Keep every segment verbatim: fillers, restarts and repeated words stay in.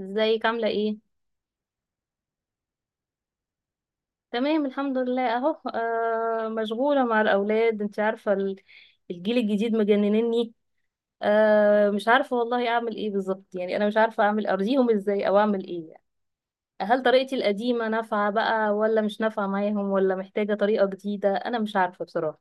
ازيك عاملة ايه؟ تمام الحمد لله اهو، آه مشغولة مع الأولاد. انت عارفة، ال- الجيل الجديد مجننني. آه مش عارفة والله اعمل ايه بالظبط، يعني انا مش عارفة اعمل ارضيهم ازاي او اعمل ايه يعني. هل طريقتي القديمة نافعة بقى ولا مش نافعة معاهم، ولا محتاجة طريقة جديدة؟ انا مش عارفة بصراحة.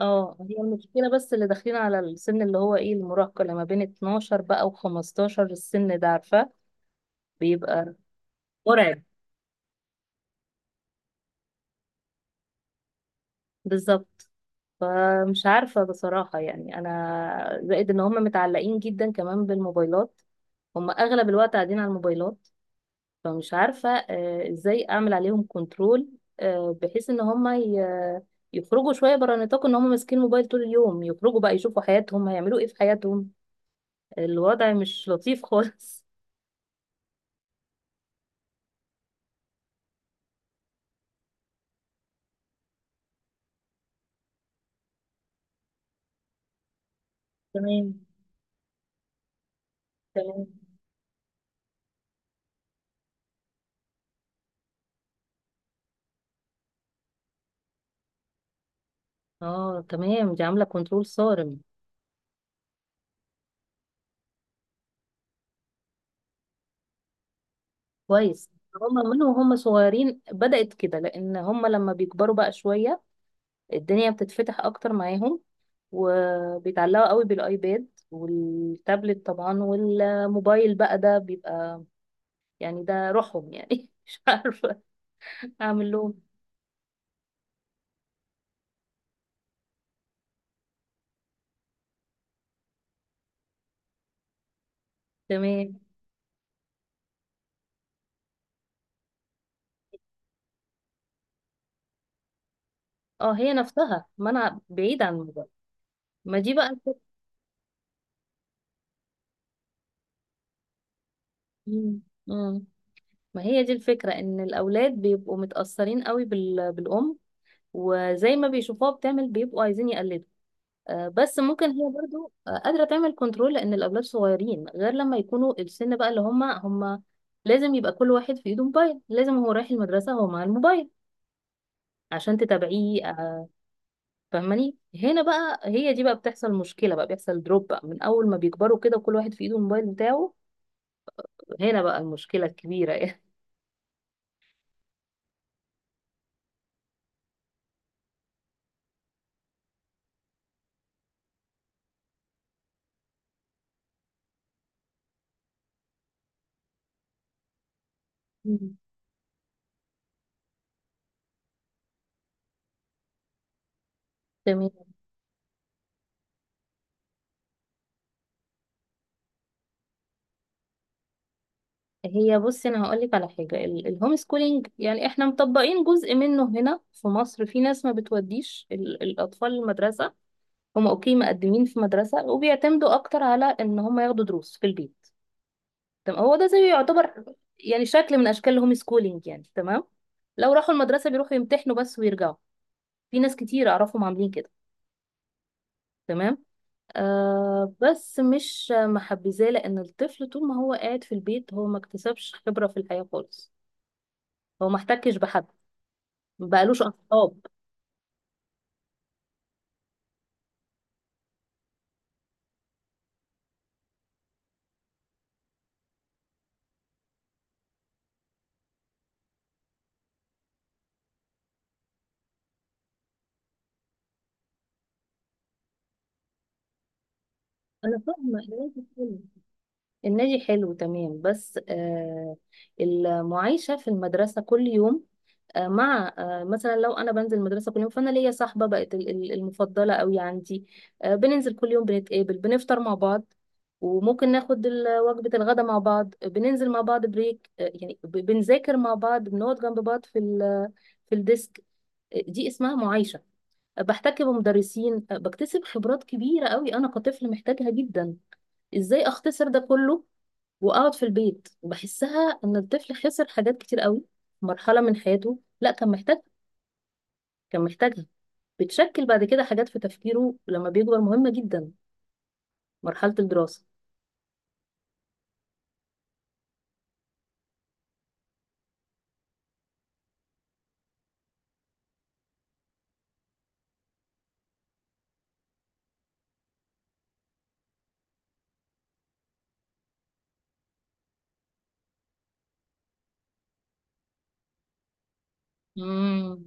اه، هي المشكلة بس اللي داخلين على السن اللي هو ايه، المراهقة، لما بين اتناشر بقى و15. السن ده عارفة بيبقى مرعب. بالظبط. فمش عارفة بصراحة، يعني أنا زائد إن هم متعلقين جدا كمان بالموبايلات. هم أغلب الوقت قاعدين على الموبايلات. فمش عارفة آه، إزاي أعمل عليهم كنترول، بحيث إن هم ي- يخرجوا شوية برا نطاق إن هم ماسكين الموبايل طول اليوم. يخرجوا بقى يشوفوا حياتهم، هيعملوا إيه في حياتهم. الوضع مش لطيف خالص. تمام. تمام. اه تمام، دي عاملة كنترول صارم. كويس. هم من وهم صغيرين بدأت كده، لأن هم لما بيكبروا بقى شوية الدنيا بتتفتح اكتر معاهم، وبيتعلقوا قوي بالايباد والتابلت طبعا، والموبايل بقى ده بيبقى يعني ده روحهم يعني. مش عارفة اعمل لهم. تمام. اه، هي نفسها، ما انا بعيد عن الموبايل. ما دي بقى الفك- مم. مم. ما هي دي الفكرة، ان الاولاد بيبقوا متأثرين قوي بال... بالام، وزي ما بيشوفوها بتعمل بيبقوا عايزين يقلدوا. آه، بس ممكن هي برضو آه، قادرة تعمل كنترول لأن الأولاد صغيرين، غير لما يكونوا السن بقى اللي هما هما. لازم يبقى كل واحد في ايده موبايل، لازم هو رايح المدرسة هو مع الموبايل عشان تتابعيه آه، فاهماني. هنا بقى هي دي بقى بتحصل مشكلة، بقى بيحصل دروب بقى من أول ما بيكبروا كده وكل واحد في ايده الموبايل بتاعه. هنا بقى المشكلة الكبيرة يعني. مم. تمام. هي بصي انا هقول لك على حاجه، ال- الهوم سكولينج يعني احنا مطبقين جزء منه هنا في مصر. في ناس ما بتوديش ال- الاطفال المدرسه. هم اوكي، مقدمين في مدرسة وبيعتمدوا اكتر على ان هم ياخدوا دروس في البيت. تمام، هو ده زي يعتبر يعني شكل من اشكال الهوم سكولينج يعني. تمام. لو راحوا المدرسة بيروحوا يمتحنوا بس ويرجعوا. في ناس كتير اعرفهم عاملين كده. تمام. آه بس مش محبذاه، لان الطفل طول ما هو قاعد في البيت هو ما اكتسبش خبرة في الحياة خالص، هو ما احتكش بحد، ما بقالوش اصحاب. انا فاهمة، النادي حلو، النادي حلو تمام، بس آه المعيشة في المدرسة كل يوم. آه، مع آه، مثلا لو انا بنزل المدرسه كل يوم فانا ليا صاحبه بقت ال- ال- المفضله قوي عندي. آه، بننزل كل يوم، بنتقابل، بنفطر مع بعض، وممكن ناخد ال- وجبه الغداء مع بعض، بننزل مع بعض بريك، آه، يعني ب- بنذاكر مع بعض، بنقعد جنب بعض في ال- في الديسك. آه، دي اسمها معايشه. آه، بحتك بمدرسين، آه، بكتسب خبرات كبيره قوي، انا كطفل محتاجها جدا. ازاي اختصر ده كله واقعد في البيت؟ وبحسها ان الطفل خسر حاجات كتير قوي في مرحله من حياته، لا كان محتاج كان محتاجها. بتشكل بعد كده حاجات في تفكيره لما بيكبر مهمة جدا، مرحلة الدراسة. امم.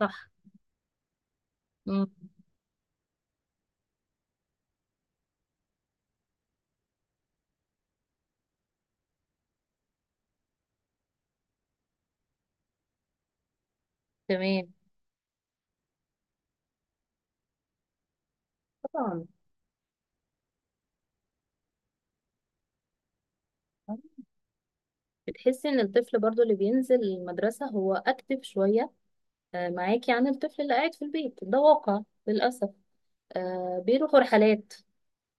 صح. امم. تمام. طبعا. بتحسي ان الطفل برضو اللي بينزل المدرسة هو اكتف شوية آه، معاكي عن الطفل اللي قاعد في البيت، ده واقع للأسف. آه، بيروح رحلات،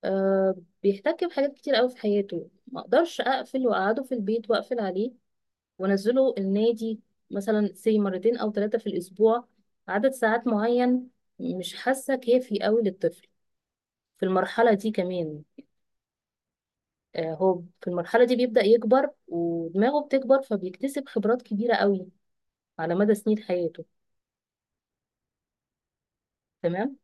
آه، بيحتك بحاجات كتير قوي في حياته. ما اقدرش اقفل واقعده في البيت واقفل عليه وانزله النادي مثلا سي مرتين او ثلاثه في الاسبوع عدد ساعات معين. مش حاسه كافي قوي للطفل في المرحله دي كمان. آه، هو في المرحله دي بيبدا يكبر ودماغه بتكبر، فبيكتسب خبرات كبيره قوي على مدى سنين حياته. تمام.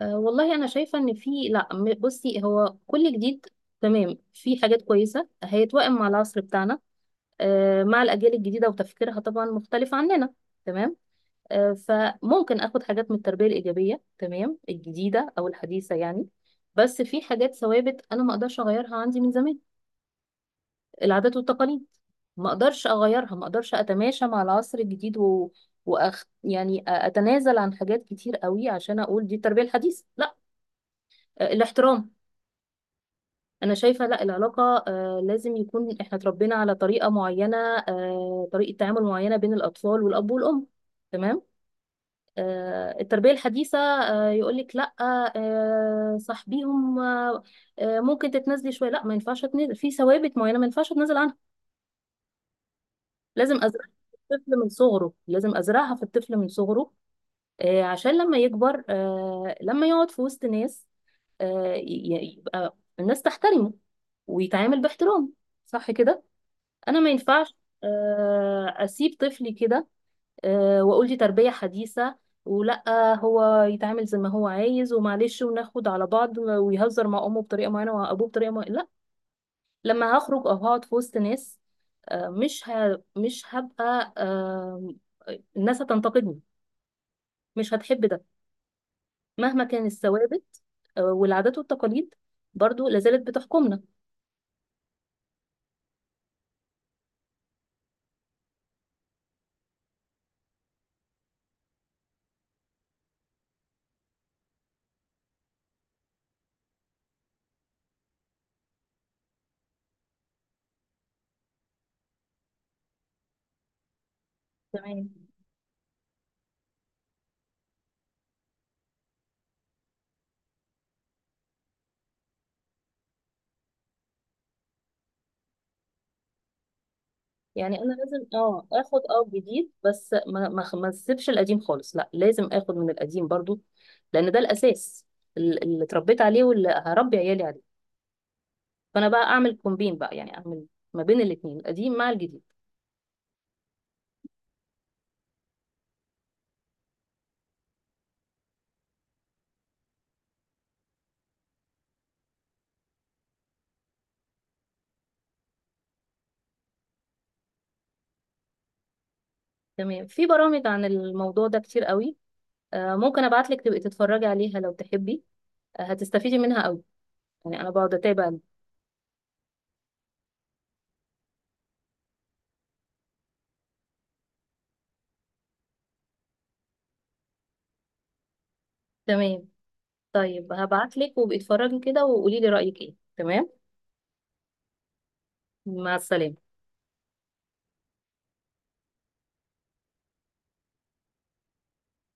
أه والله انا شايفه ان في لا م- بصي هو كل جديد تمام، في حاجات كويسه هيتوائم مع العصر بتاعنا، أه مع الاجيال الجديده وتفكيرها طبعا مختلف عننا. تمام. آه، فممكن اخد حاجات من التربيه الايجابيه تمام الجديده او الحديثه يعني، بس في حاجات ثوابت انا ما اقدرش اغيرها عندي من زمان، العادات والتقاليد، ما اقدرش اغيرها، ما اقدرش اتماشى مع العصر الجديد و... وأخ... يعني اتنازل عن حاجات كتير قوي عشان اقول دي التربيه الحديثه لا. آه، الاحترام، انا شايفه لا، العلاقه آه، لازم يكون، احنا اتربينا على طريقه معينه، آه، طريقه تعامل معينه بين الاطفال والاب والام. تمام. آه، التربية الحديثة آه، يقولك لا، آه، صاحبيهم آه، آه، ممكن تتنازلي شوية. لا ما ينفعش اتنازل في ثوابت معينة، ما ينفعش اتنازل عنها. لازم أزرعها في الطفل من صغره، لازم أزرعها في الطفل من صغره، آه، عشان لما يكبر آه، لما يقعد في وسط ناس آه، ي- يبقى الناس تحترمه ويتعامل باحترام. صح كده؟ أنا ما ينفعش آه، أسيب طفلي كده آه، واقول دي تربية حديثة، ولا هو يتعامل زي ما هو عايز، ومعلش وناخد على بعض ويهزر مع امه بطريقة معينة وابوه بطريقة معينة. لا، لما هخرج او هقعد في وسط ناس آه، مش ه... مش هبقى آه، الناس هتنتقدني، مش هتحب ده، مهما كان. الثوابت آه، والعادات والتقاليد برضو لازالت بتحكمنا. تمام. يعني انا لازم اه اخد اه جديد، بس ما ما ما اسيبش القديم خالص، لا لازم اخد من القديم برضو لان ده الاساس، ال- اللي اتربيت عليه واللي هربي عيالي عليه. فانا بقى اعمل كومبين بقى يعني، اعمل ما بين الاثنين القديم مع الجديد. تمام. في برامج عن الموضوع ده كتير قوي، آه ممكن ابعت لك تبقي تتفرجي عليها لو تحبي، آه هتستفيدي منها قوي. يعني انا بقعد اتابع. تمام. طيب هبعت لك وابقي اتفرجي كده وقولي لي رايك ايه. تمام. مع السلامه.